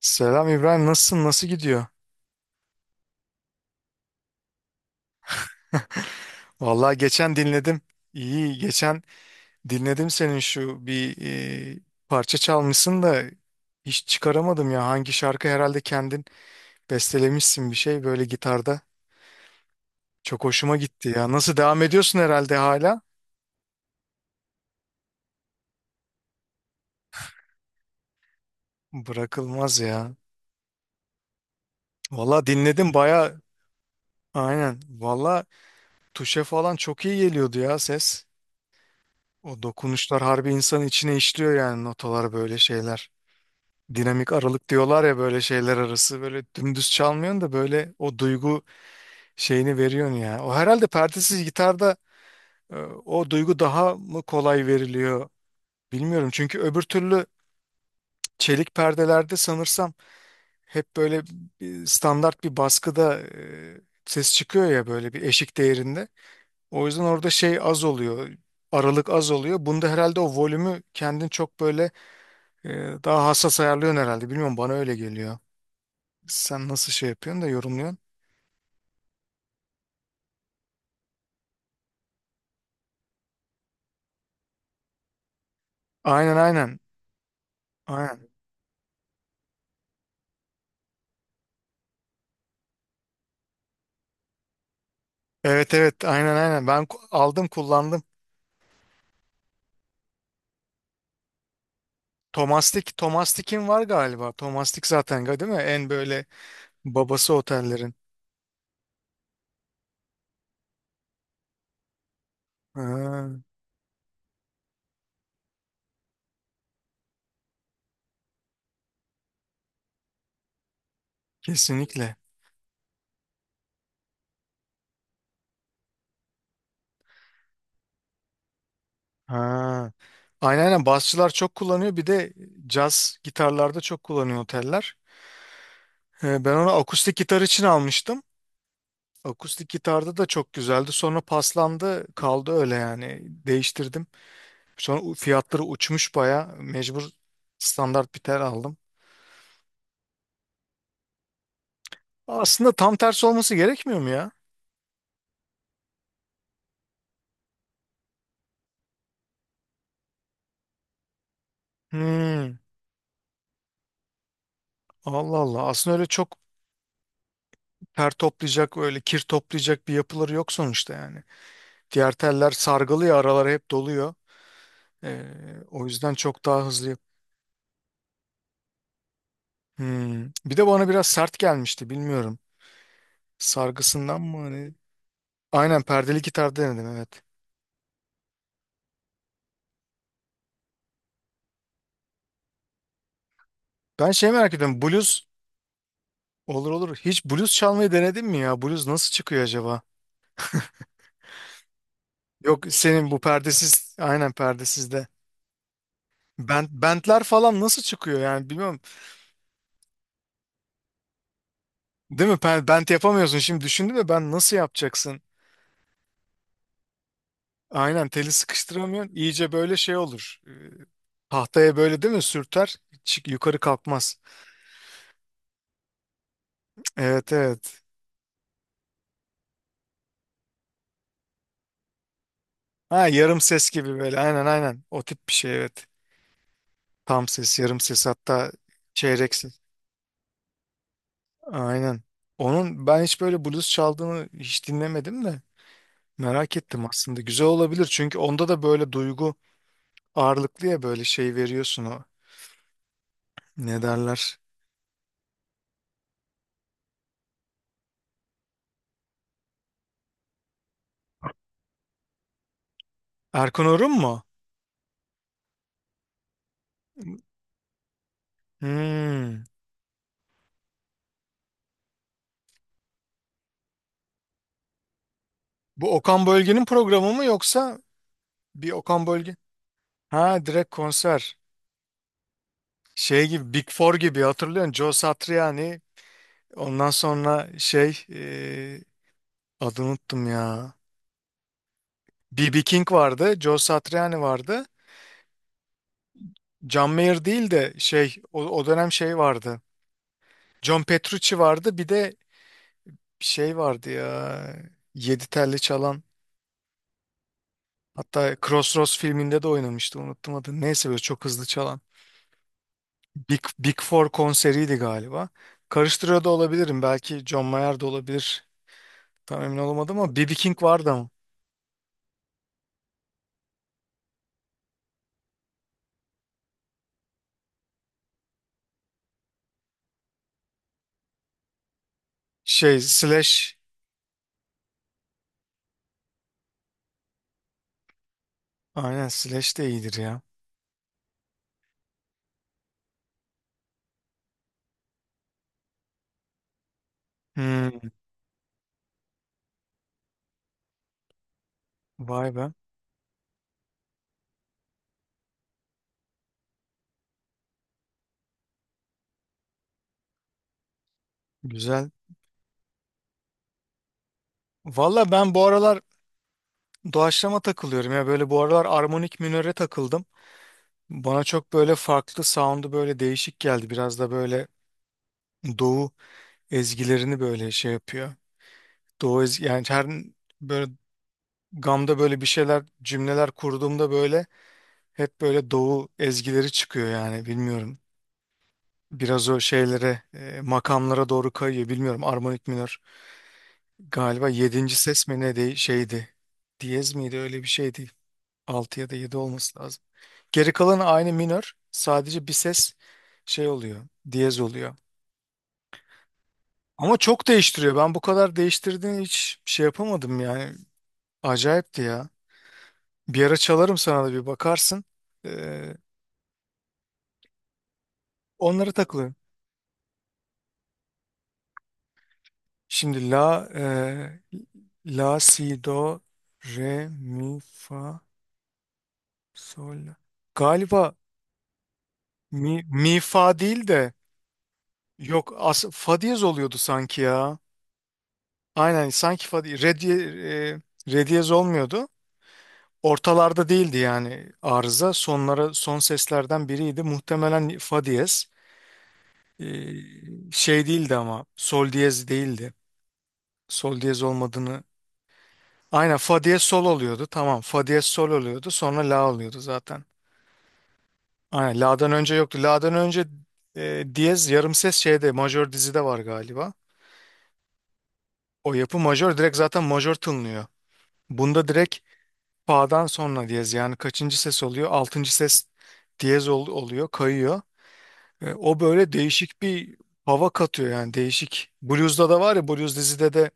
Selam İbrahim, nasılsın? Nasıl gidiyor? Vallahi geçen dinledim. İyi, geçen dinledim senin şu bir e, parça çalmışsın da hiç çıkaramadım ya. Hangi şarkı herhalde kendin bestelemişsin bir şey böyle gitarda. Çok hoşuma gitti ya. Nasıl devam ediyorsun herhalde hala? Bırakılmaz ya. Vallahi dinledim baya. Aynen. Vallahi tuşe falan çok iyi geliyordu ya ses. O dokunuşlar harbi insanın içine işliyor yani notalar böyle şeyler. Dinamik aralık diyorlar ya böyle şeyler arası böyle dümdüz çalmıyorsun da böyle o duygu şeyini veriyorsun ya. O herhalde perdesiz gitarda e, o duygu daha mı kolay veriliyor bilmiyorum. Çünkü öbür türlü çelik perdelerde sanırsam hep böyle bir standart bir baskıda ses çıkıyor ya böyle bir eşik değerinde. O yüzden orada şey az oluyor. Aralık az oluyor. Bunda herhalde o volümü kendin çok böyle e, daha hassas ayarlıyorsun herhalde. Bilmiyorum bana öyle geliyor. Sen nasıl şey yapıyorsun da yorumluyorsun? Aynen aynen. Aynen. Evet evet aynen aynen. Ben ku- aldım kullandım. Tomastik, Tomastik'in var galiba. Tomastik zaten ga- değil mi? En böyle babası otellerin. Ha, kesinlikle. Ha. Aynen aynen. Basçılar çok kullanıyor. Bir de caz gitarlarda çok kullanıyor oteller. Ben onu akustik gitar için almıştım. Akustik gitarda da çok güzeldi. Sonra paslandı, kaldı öyle yani. Değiştirdim. Sonra u- fiyatları uçmuş baya. Mecbur standart bir tel aldım. Aslında tam tersi olması gerekmiyor mu ya? Hmm. Allah Allah. Aslında öyle çok ter toplayacak, öyle kir toplayacak bir yapıları yok sonuçta yani. Diğer teller sargılı ya araları hep doluyor. O yüzden çok daha hızlı. Yap- hmm. Bir de bana biraz sert gelmişti bilmiyorum. Sargısından mı hani? Aynen perdeli gitar denedim evet. Ben şey merak ediyorum. Blues olur olur. Hiç blues çalmayı denedin mi ya? Blues nasıl çıkıyor acaba? Yok senin bu perdesiz aynen perdesiz de. Bent, bentler falan nasıl çıkıyor yani bilmiyorum. Değil mi? Ben- bent yapamıyorsun. Şimdi düşündüm de ben nasıl yapacaksın? Aynen teli sıkıştıramıyorsun. İyice böyle şey olur. Tahtaya böyle değil mi sürter? Çık, yukarı kalkmaz. Evet evet. Ha yarım ses gibi böyle. Aynen aynen. O tip bir şey evet. Tam ses, yarım ses hatta çeyrek ses. Aynen. Onun ben hiç böyle blues çaldığını hiç dinlemedim de. Merak ettim aslında. Güzel olabilir çünkü onda da böyle duygu ağırlıklı ya böyle şey veriyorsun o. Ne derler? Erkan Orhun mu? Hmm. Bu Okan Bölge'nin programı mı yoksa bir Okan Bölge? Ha direkt konser. Şey gibi Big Four gibi hatırlıyorsun. Joe Satriani. Ondan sonra şey adını unuttum ya. B.B. King vardı. Joe Satriani vardı. John Mayer değil de şey o, o dönem şey vardı. John Petrucci vardı. Bir de şey vardı ya. Yedi telli çalan. Hatta Crossroads filminde de oynamıştı unuttum adını. Neyse böyle çok hızlı çalan. Big, Big Four konseriydi galiba. Karıştırıyor da olabilirim. Belki John Mayer de olabilir. Tam emin olamadım ama B B King vardı ama. Şey Slash. Aynen Slash de iyidir ya. Hmm, vay be. Güzel. Valla ben bu aralar doğaçlama takılıyorum ya. Böyle bu aralar armonik minöre takıldım. Bana çok böyle farklı sound'u böyle değişik geldi. Biraz da böyle doğu ezgilerini böyle şey yapıyor. Doğu ezgi- yani her böyle gamda böyle bir şeyler cümleler kurduğumda böyle hep böyle doğu ezgileri çıkıyor yani bilmiyorum. Biraz o şeylere makamlara doğru kayıyor bilmiyorum armonik minör. Galiba yedinci ses mi ne de şeydi. Diyez miydi öyle bir şeydi. Altı ya da yedi olması lazım. Geri kalanı aynı minör. Sadece bir ses şey oluyor. Diyez oluyor. Ama çok değiştiriyor. Ben bu kadar değiştirdiğini hiç şey yapamadım yani. Acayipti ya. Bir ara çalarım sana da bir bakarsın. Ee, onlara takılın. Şimdi la la si do re mi fa sol. La. Galiba mi, mi fa değil de yok as fa diyez oluyordu sanki ya. Aynen sanki fa di- re diye re diyez olmuyordu. Ortalarda değildi yani arıza. Sonlara son seslerden biriydi. Muhtemelen fa diyez. Ee, şey değildi ama sol diyez değildi. Sol diyez olmadığını aynen fa diye sol oluyordu. Tamam fa diye sol oluyordu. Sonra la oluyordu zaten. Aynen la'dan önce yoktu. La'dan önce diyez yarım ses şeyde majör dizide var galiba. O yapı majör direkt zaten majör tınlıyor. Bunda direkt fa'dan sonra diyez yani kaçıncı ses oluyor? Altıncı ses diyez ol- oluyor kayıyor. E, o böyle değişik bir hava katıyor yani değişik. Blues'da da var ya blues dizide de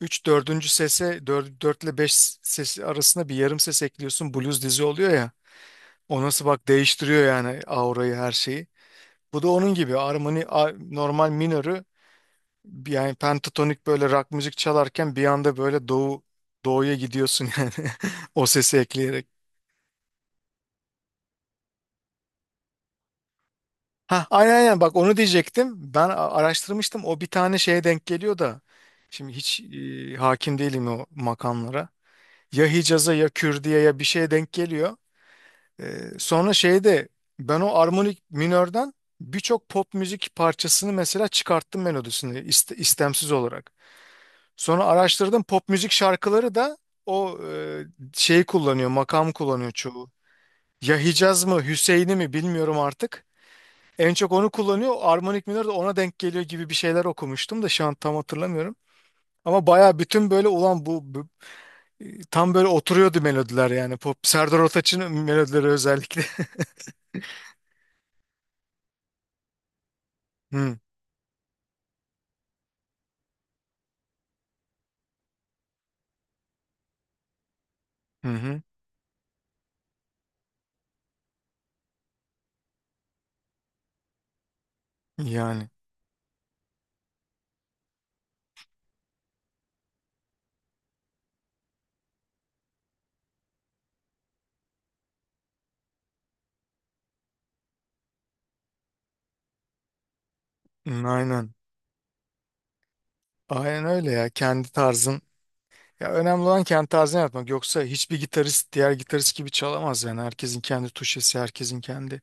3 dördüncü sese 4, ile 5 sesi arasında bir yarım ses ekliyorsun blues dizi oluyor ya. O nasıl bak değiştiriyor yani aurayı her şeyi. Bu da onun gibi armoni a- normal minörü yani pentatonik böyle rock müzik çalarken bir anda böyle doğu doğuya gidiyorsun yani o sesi ekleyerek. Ha aynen aynen bak onu diyecektim. Ben a- araştırmıştım o bir tane şeye denk geliyor da şimdi hiç hakim değilim o makamlara. Ya Hicaz'a ya Kürdiye ya bir şeye denk geliyor. Sonra şeyde ben o armonik minörden birçok pop müzik parçasını mesela çıkarttım melodisini iste- istemsiz olarak. Sonra araştırdım pop müzik şarkıları da o şeyi kullanıyor, makam kullanıyor çoğu. Ya Hicaz mı, Hüseyin'i mi bilmiyorum artık. En çok onu kullanıyor. Armonik minör de ona denk geliyor gibi bir şeyler okumuştum da şu an tam hatırlamıyorum. Ama baya bütün böyle ulan bu, bu- tam böyle oturuyordu melodiler yani pop Serdar Ortaç'ın melodileri özellikle. Hı hı, hı. Yani hı, aynen. Aynen öyle ya. Kendi tarzın. Ya önemli olan kendi tarzını yapmak. Yoksa hiçbir gitarist diğer gitarist gibi çalamaz yani. Herkesin kendi tuşesi, herkesin kendi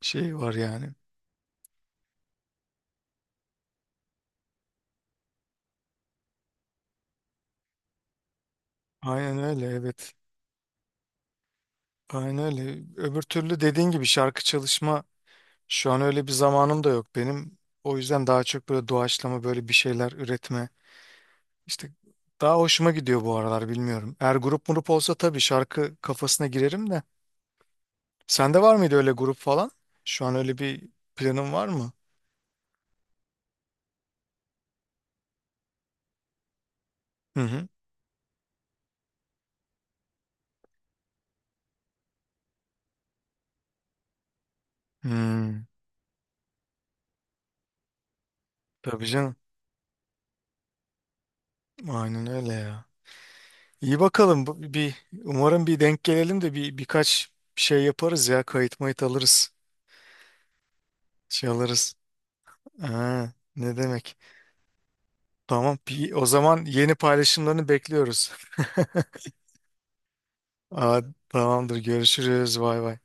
şeyi var yani. Aynen öyle evet. Aynen öyle. Öbür türlü dediğin gibi şarkı çalışma şu an öyle bir zamanım da yok benim. O yüzden daha çok böyle doğaçlama böyle bir şeyler üretme. İşte daha hoşuma gidiyor bu aralar bilmiyorum. Eğer grup murup olsa tabii şarkı kafasına girerim de. Sende var mıydı öyle grup falan? Şu an öyle bir planın var mı? Hı hı. Hmm, tabii canım. Aynen öyle ya. İyi bakalım. Bu- bir, umarım bir denk gelelim de bir birkaç şey yaparız ya. Kayıt mayıt alırız. Şey alırız. Ha, ne demek? Tamam. Bir, o zaman yeni paylaşımlarını bekliyoruz. Aa, tamamdır. Görüşürüz. Bay bay.